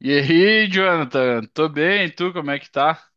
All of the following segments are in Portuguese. E aí, Jonathan? Tô bem, e tu como é que tá?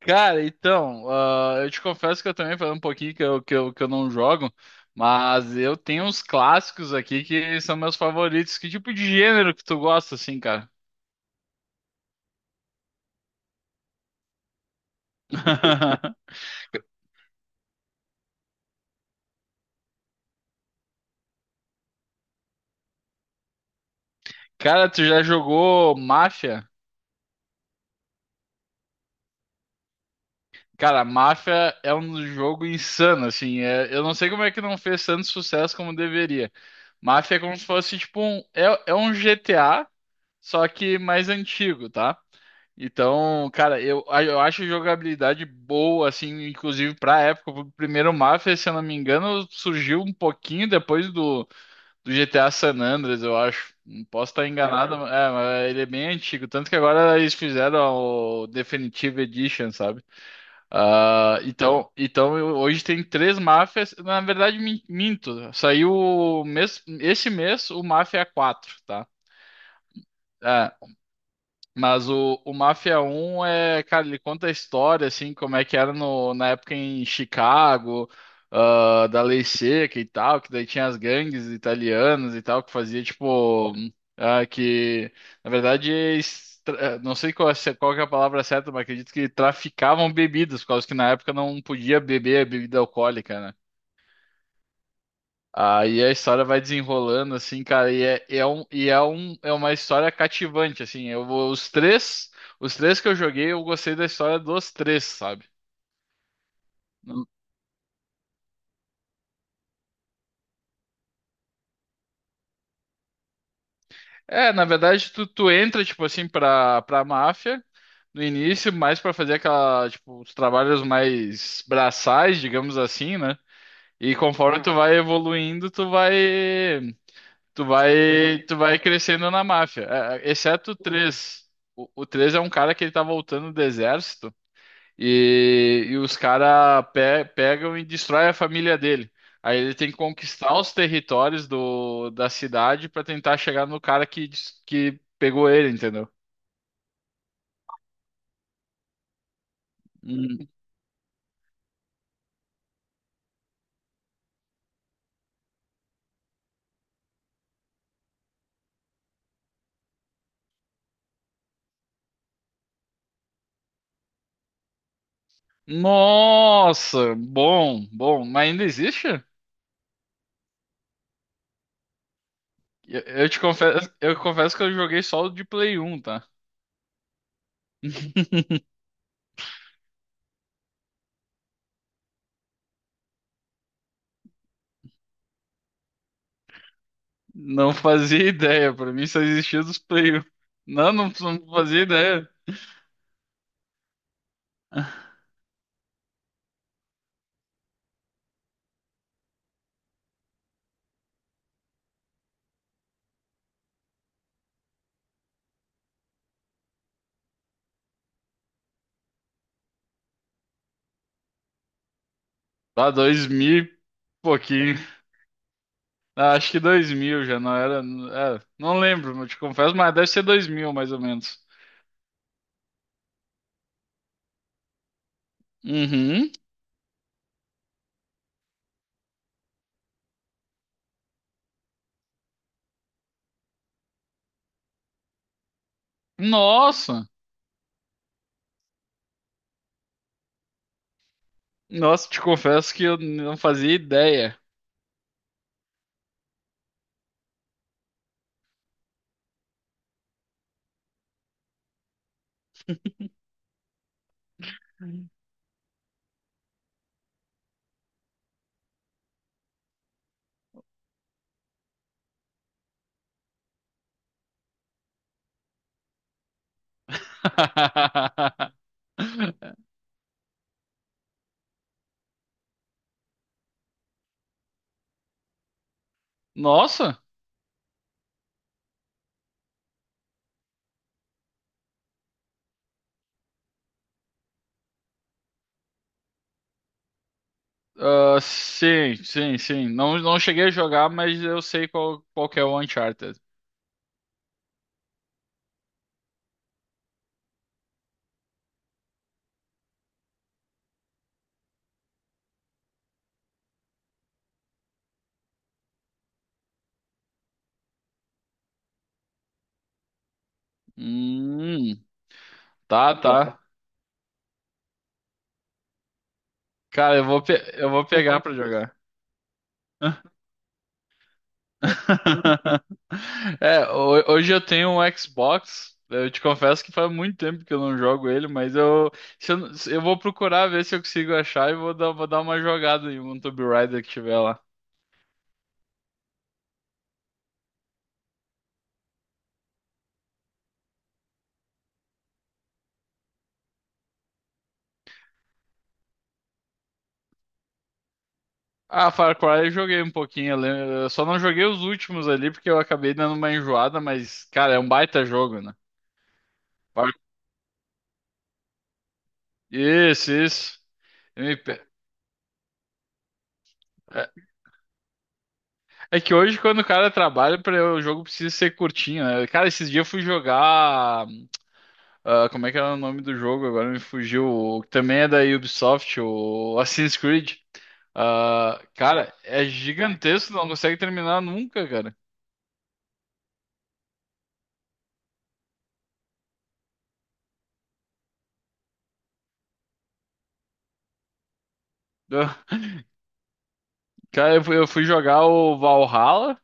Cara, então, eu te confesso que eu também falei um pouquinho que eu não jogo, mas eu tenho uns clássicos aqui que são meus favoritos. Que tipo de gênero que tu gosta, assim, cara? Cara, tu já jogou Mafia? Cara, Mafia é um jogo insano, assim. Eu não sei como é que não fez tanto sucesso como deveria. Mafia é como se fosse, tipo, é um GTA, só que mais antigo, tá? Então, cara, eu acho jogabilidade boa, assim, inclusive pra época. O primeiro Mafia, se eu não me engano, surgiu um pouquinho depois do GTA San Andreas, eu acho. Não posso estar enganado, mas ele é bem antigo. Tanto que agora eles fizeram o Definitive Edition, sabe? Ah, então hoje tem três Mafias. Na verdade, minto. Saiu o mês, esse mês o Mafia 4 tá? É, mas o Máfia um é, cara, ele conta a história, assim, como é que era no, na época em Chicago, da Lei Seca e tal, que daí tinha as gangues italianas e tal, que fazia, tipo, ah, que, na verdade, não sei qual, qual que é a palavra certa, mas acredito que traficavam bebidas, por causa que na época não podia beber bebida alcoólica, né? Aí a história vai desenrolando, assim, cara, é uma história cativante, assim. Os três, os três que eu joguei, eu gostei da história dos três, sabe? É, na verdade, tu entra, tipo assim, pra máfia no início, mais pra fazer aquela, tipo, os trabalhos mais braçais, digamos assim, né? E conforme tu vai evoluindo, tu vai crescendo na máfia. Exceto o 3. O 3 é um cara que ele tá voltando do exército. E os caras pe pegam e destroem a família dele. Aí ele tem que conquistar os territórios da cidade pra tentar chegar no cara que pegou ele, entendeu? Hum. Nossa, bom, mas ainda existe? Eu confesso que eu joguei só o de Play 1, tá? Não fazia ideia, pra mim só existia dos Play 1. Não, não fazia ideia. Lá 2000 e pouquinho. Ah, acho que 2000 já não era. É, não lembro, eu te confesso, mas deve ser 2000 mais ou menos. Uhum. Nossa! Nossa, te confesso que eu não fazia ideia. Nossa! Ah, sim, sim, sim. Não, não cheguei a jogar, mas eu sei qual, qual que é o Uncharted. Hum, tá, tá. Cara, eu vou pegar pra jogar. É, hoje eu tenho um Xbox. Eu te confesso que faz muito tempo que eu não jogo ele, mas eu, se eu, não- se- eu vou procurar ver se eu consigo achar e vou dar uma jogada em um Tomb Raider que tiver lá. Ah, Far Cry eu joguei um pouquinho, eu só não joguei os últimos ali porque eu acabei dando uma enjoada, mas, cara, é um baita jogo, né? Far- Isso, isso. MP. É, é que hoje, quando o cara trabalha, o jogo precisa ser curtinho, né? Cara, esses dias eu fui jogar. Ah, como é que era o nome do jogo? Agora me fugiu. Também é da Ubisoft, o Assassin's Creed. Ah, cara, é gigantesco, não consegue terminar nunca, cara. Ah, cara, eu fui jogar o Valhalla.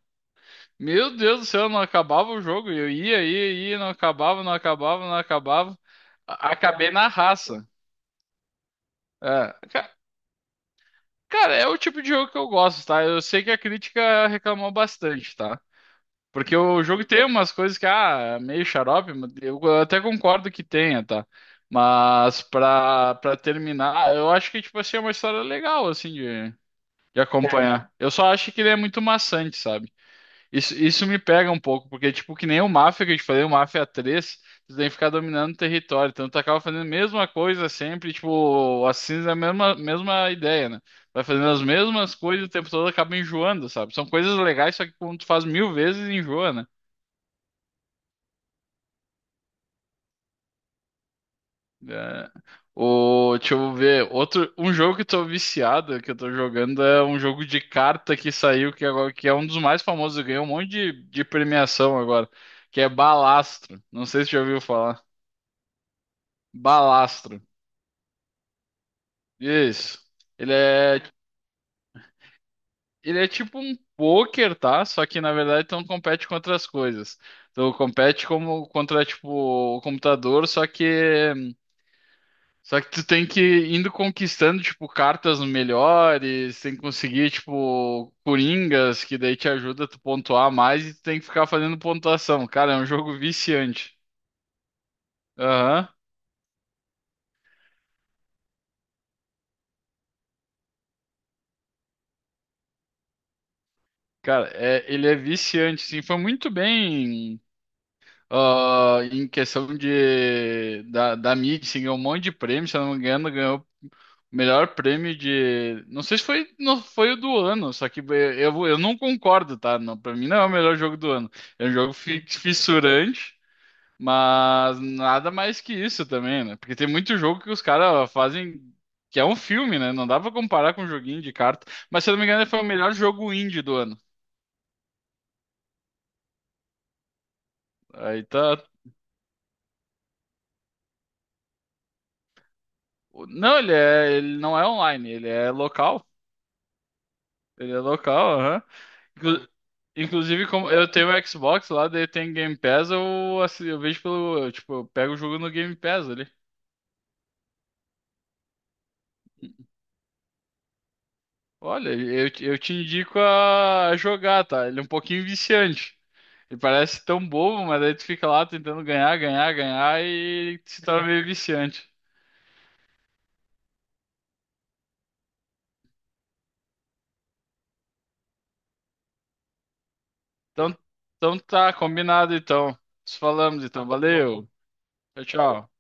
Meu Deus do céu, não acabava o jogo. Eu ia, ia, ia, não acabava, não acabava, não acabava. Acabei na raça. É, cara, é o tipo de jogo que eu gosto, tá? Eu sei que a crítica reclamou bastante, tá? Porque o jogo tem umas coisas que, é meio xarope, mas eu até concordo que tenha, tá? Mas pra terminar, eu acho que, tipo assim, é uma história legal, assim, de acompanhar. Eu só acho que ele é muito maçante, sabe? Isso me pega um pouco, porque, tipo, que nem o Mafia que eu te falei, o Mafia 3 tu tem que ficar dominando o território, então tu acaba fazendo a mesma coisa sempre, tipo, assim, é a mesma ideia, né? Vai fazendo as mesmas coisas o tempo todo, acaba enjoando, sabe? São coisas legais, só que quando tu faz mil vezes, enjoa, né? É. O, deixa eu ver. Outro, um jogo que eu tô viciado, que eu tô jogando, é um jogo de carta que saiu, que, é agora, que é um dos mais famosos, ganhou um monte de premiação agora, que é Balastro. Não sei se já ouviu falar. Balastro. Isso. Ele é, ele é tipo um poker, tá? Só que na verdade tu não compete com outras coisas. Tu compete como contra tipo o computador, só que só que tu tem que ir indo conquistando, tipo, cartas melhores, tem que conseguir, tipo, coringas, que daí te ajuda a tu pontuar mais e tu tem que ficar fazendo pontuação. Cara, é um jogo viciante. Aham. Cara, é, ele é viciante, sim. Foi muito bem, em questão de, da mídia, assim, ganhou um monte de prêmio, se eu não me engano, ganhou melhor prêmio de. Não sei se foi, não, foi o do ano, só que eu não concordo, tá? Não, pra mim não é o melhor jogo do ano. É um jogo fissurante, mas nada mais que isso também, né? Porque tem muito jogo que os caras fazem. Que é um filme, né? Não dá pra comparar com um joguinho de carta. Mas se eu não me engano, foi o melhor jogo indie do ano. Aí tá. Não, ele é, ele não é online, ele é local. Ele é local, aham. Inclu- Inclusive, como eu tenho o Xbox lá, daí tem Game Pass, eu vejo pelo. Eu, tipo, eu pego o jogo no Game Pass ali. Olha, eu te indico a jogar, tá? Ele é um pouquinho viciante. Ele parece tão bobo, mas aí tu fica lá tentando ganhar, ganhar, ganhar e se torna meio viciante. Então, então tá, combinado então. Nos falamos então, valeu. Tchau, tchau.